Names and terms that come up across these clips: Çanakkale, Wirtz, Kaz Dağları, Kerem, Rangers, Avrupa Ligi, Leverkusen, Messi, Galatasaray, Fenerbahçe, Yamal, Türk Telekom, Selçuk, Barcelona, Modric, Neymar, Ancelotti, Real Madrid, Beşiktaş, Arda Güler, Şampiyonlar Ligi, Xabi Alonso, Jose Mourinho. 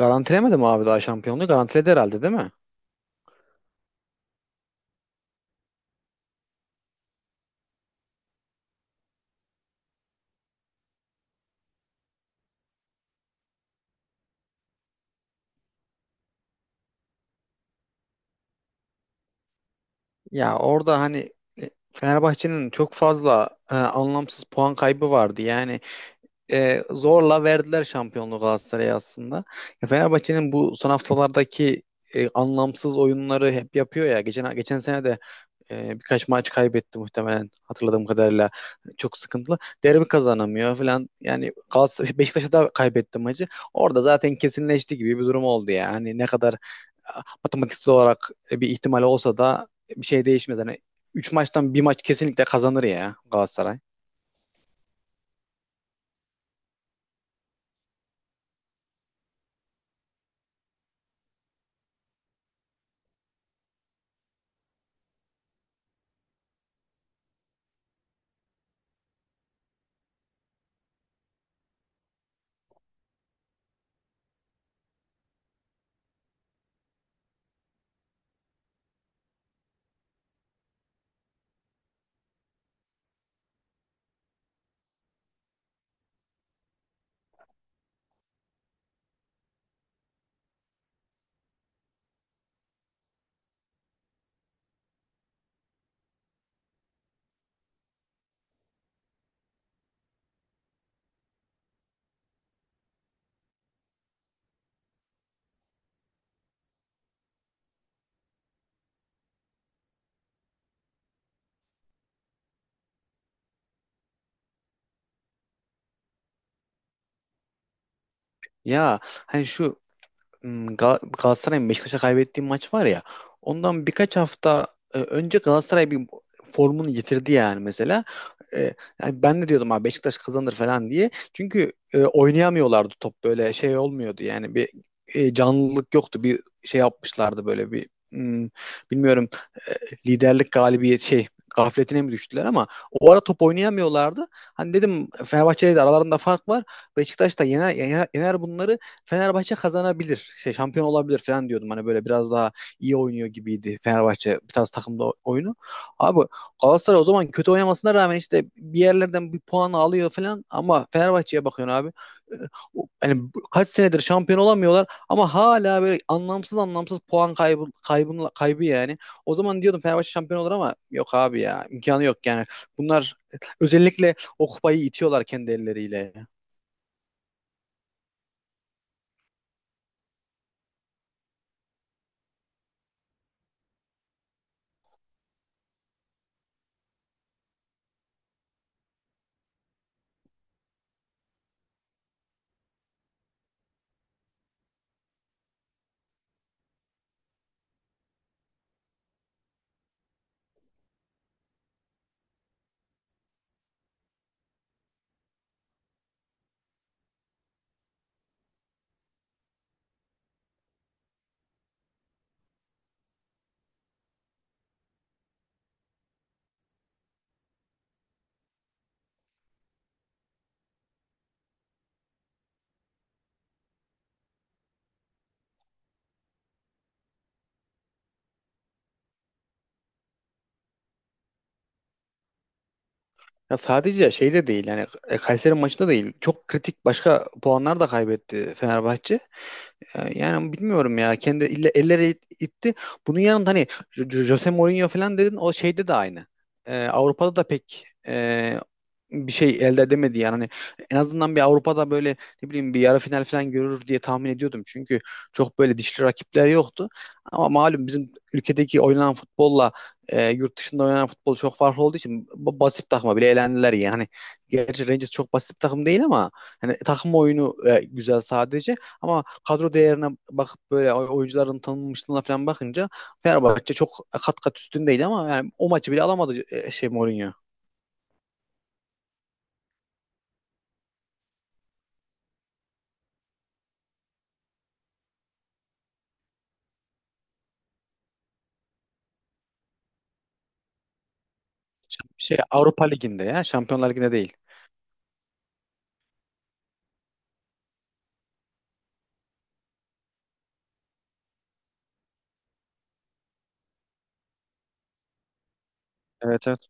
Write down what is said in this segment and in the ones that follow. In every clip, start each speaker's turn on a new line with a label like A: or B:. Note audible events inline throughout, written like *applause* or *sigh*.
A: Garantilemedi mi abi daha şampiyonluğu? Garantiledi herhalde değil mi? Ya orada hani Fenerbahçe'nin çok fazla anlamsız puan kaybı vardı. Yani zorla verdiler şampiyonluğu Galatasaray'a aslında. Ya Fenerbahçe'nin bu son haftalardaki anlamsız oyunları hep yapıyor ya. Geçen sene de birkaç maç kaybetti muhtemelen hatırladığım kadarıyla. Çok sıkıntılı. Derbi kazanamıyor falan. Yani Galatasaray, *laughs* Beşiktaş'a da kaybetti maçı. Orada zaten kesinleşti gibi bir durum oldu yani. Hani ne kadar matematiksel olarak bir ihtimal olsa da bir şey değişmez. Hani 3 maçtan bir maç kesinlikle kazanır ya Galatasaray. Ya hani şu Galatasaray'ın Beşiktaş'a kaybettiği maç var ya, ondan birkaç hafta önce Galatasaray bir formunu yitirdi yani mesela. E, Yani ben de diyordum abi Beşiktaş kazanır falan diye. Çünkü oynayamıyorlardı, top böyle şey olmuyordu yani, bir canlılık yoktu. Bir şey yapmışlardı böyle bir bilmiyorum, e, liderlik galibiyet şey gafletine mi düştüler, ama o ara top oynayamıyorlardı. Hani dedim Fenerbahçe'yle de aralarında fark var. Beşiktaş da yener, yener, yener bunları. Fenerbahçe kazanabilir, şey şampiyon olabilir falan diyordum. Hani böyle biraz daha iyi oynuyor gibiydi Fenerbahçe bir tarz takımda oyunu. Abi Galatasaray o zaman kötü oynamasına rağmen işte bir yerlerden bir puan alıyor falan, ama Fenerbahçe'ye bakıyorsun abi. E, Hani kaç senedir şampiyon olamıyorlar ama hala böyle anlamsız anlamsız puan kaybı, kaybı, kaybı yani. O zaman diyordum Fenerbahçe şampiyon olur ama yok abi ya, imkanı yok yani. Bunlar özellikle o kupayı itiyorlar kendi elleriyle. Ya sadece şeyde değil yani, Kayseri maçında değil. Çok kritik başka puanlar da kaybetti Fenerbahçe. Yani bilmiyorum ya, kendi elleri itti. Bunun yanında hani Jose Mourinho falan dedin, o şeyde de aynı. Avrupa'da da pek bir şey elde edemedi yani. Hani en azından bir Avrupa'da böyle ne bileyim bir yarı final falan görür diye tahmin ediyordum. Çünkü çok böyle dişli rakipler yoktu. Ama malum bizim ülkedeki oynanan futbolla yurt dışında oynanan futbol çok farklı olduğu için basit takıma bile elendiler yani. Hani, gerçi Rangers çok basit bir takım değil ama hani takım oyunu güzel sadece. Ama kadro değerine bakıp böyle oyuncuların tanınmışlığına falan bakınca Fenerbahçe çok kat kat üstündeydi, ama yani o maçı bile alamadı şey Mourinho. Şey Avrupa Ligi'nde ya, Şampiyonlar Ligi'nde değil. Evet, evet.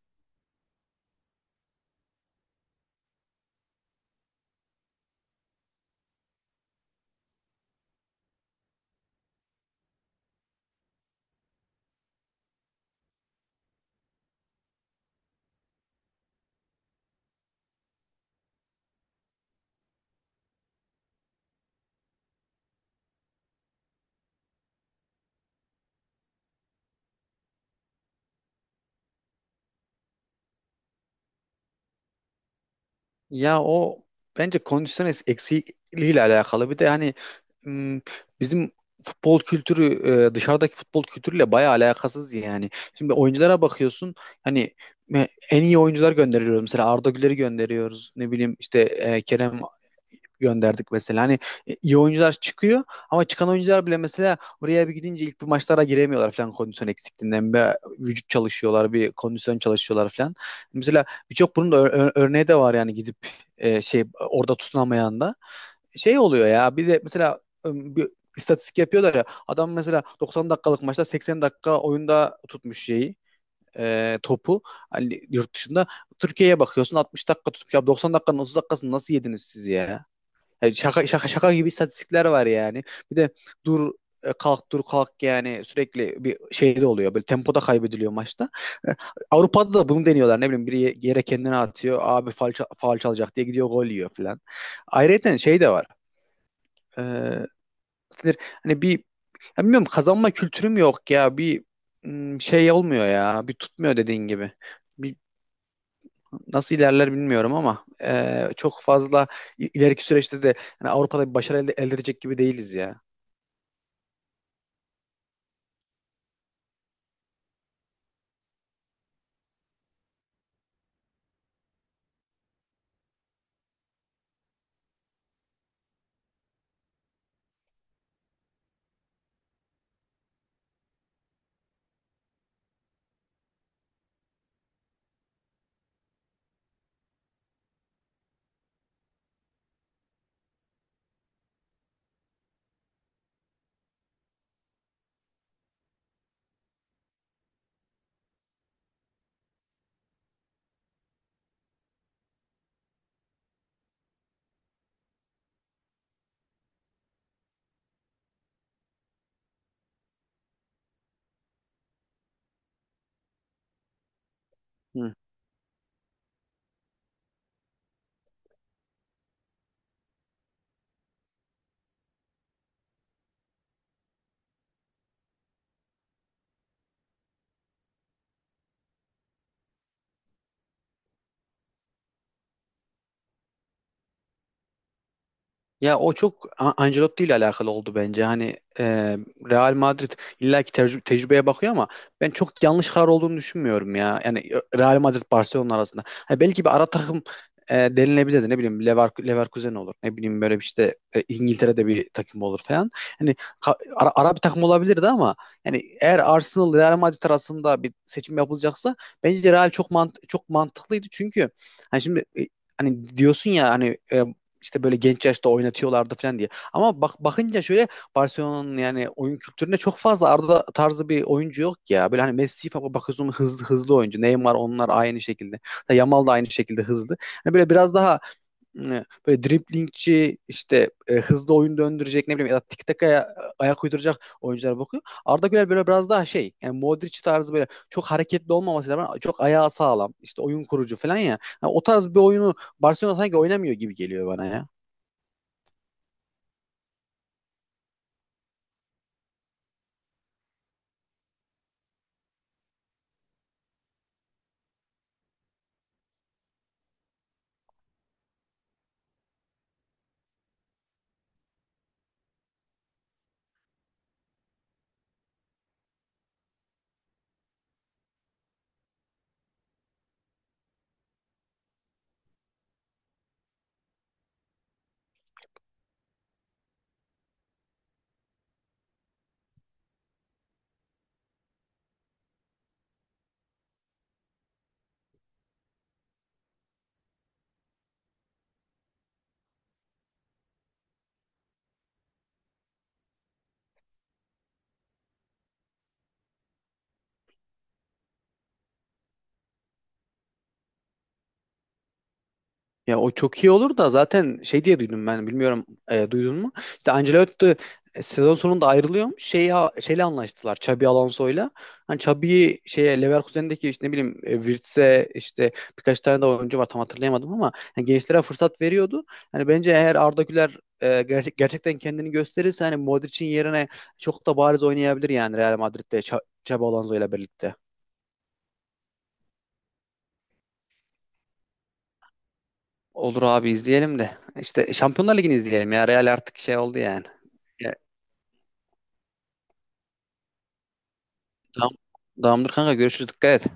A: Ya o bence kondisyon eksikliğiyle alakalı. Bir de hani, m, bizim futbol kültürü dışarıdaki futbol kültürüyle bayağı alakasız yani. Şimdi oyunculara bakıyorsun, hani en iyi oyuncular gönderiyoruz. Mesela Arda Güler'i gönderiyoruz. Ne bileyim işte Kerem gönderdik mesela. Hani iyi oyuncular çıkıyor, ama çıkan oyuncular bile mesela oraya bir gidince ilk bir maçlara giremiyorlar falan, kondisyon eksikliğinden. Bir vücut çalışıyorlar, bir kondisyon çalışıyorlar falan. Mesela birçok bunun da örneği de var yani, gidip şey orada tutunamayan da şey oluyor ya. Bir de mesela bir istatistik yapıyorlar ya, adam mesela 90 dakikalık maçta 80 dakika oyunda tutmuş şeyi, topu, hani yurt dışında. Türkiye'ye bakıyorsun 60 dakika tutmuş. Ya 90 dakikanın 30 dakikasını nasıl yediniz siz ya? Yani şaka gibi istatistikler var yani. Bir de dur, kalk, dur, kalk yani, sürekli bir şeyde oluyor. Böyle tempoda kaybediliyor maçta. E, Avrupa'da da bunu deniyorlar. Ne bileyim biri yere kendini atıyor. Abi faul, faul çalacak diye gidiyor, gol yiyor falan. Ayrıca şey de var. E, Nedir? Hani bir, ya bilmiyorum, kazanma kültürüm yok ya. Bir, şey olmuyor ya. Bir tutmuyor dediğin gibi. Bir, nasıl ilerler bilmiyorum ama çok fazla ileriki süreçte de yani Avrupa'da bir başarı elde edecek gibi değiliz ya. Hı. Ya o çok Ancelotti ile alakalı oldu bence. Hani Real Madrid illaki tecrübeye bakıyor ama ben çok yanlış karar olduğunu düşünmüyorum ya. Yani Real Madrid Barcelona arasında. Hani belki bir ara takım denilebilirdi. Ne bileyim Leverkusen olur. Ne bileyim böyle bir, işte İngiltere'de bir takım olur falan. Hani ara bir takım olabilirdi, ama yani eğer Arsenal Real Madrid arasında bir seçim yapılacaksa bence Real çok mantıklıydı. Çünkü hani şimdi, hani diyorsun ya hani, e, işte böyle genç yaşta oynatıyorlardı falan diye. Ama bak, bakınca şöyle, Barcelona'nın yani oyun kültüründe çok fazla Arda tarzı bir oyuncu yok ya. Böyle hani Messi falan bakıyorsun, hızlı hızlı oyuncu. Neymar onlar aynı şekilde. Hatta Yamal da aynı şekilde hızlı. Hani böyle biraz daha böyle driblingçi, işte hızlı oyun döndürecek, ne bileyim, ya da tiki takaya ayak uyduracak oyunculara bakıyor. Arda Güler böyle biraz daha şey yani, Modric tarzı, böyle çok hareketli olmaması lazım, çok ayağı sağlam, işte oyun kurucu falan ya. Yani o tarz bir oyunu Barcelona sanki oynamıyor gibi geliyor bana ya. Ya o çok iyi olur da, zaten şey diye duydum ben, bilmiyorum, duydun mu? İşte Ancelotti sezon sonunda ayrılıyormuş. Şey, şeyle anlaştılar, Xabi Alonso'yla. Hani Xabi'yi şeye, Leverkusen'deki işte, ne bileyim, Wirtz'e, işte birkaç tane de oyuncu var tam hatırlayamadım, ama yani gençlere fırsat veriyordu. Hani bence eğer Arda Güler gerçekten kendini gösterirse, hani Modric'in yerine çok da bariz oynayabilir yani Real Madrid'de, Xabi Alonso'yla birlikte. Olur abi, izleyelim de. İşte Şampiyonlar Ligi'ni izleyelim ya. Real artık şey oldu yani. Tamam. Tamamdır kanka, görüşürüz, dikkat et.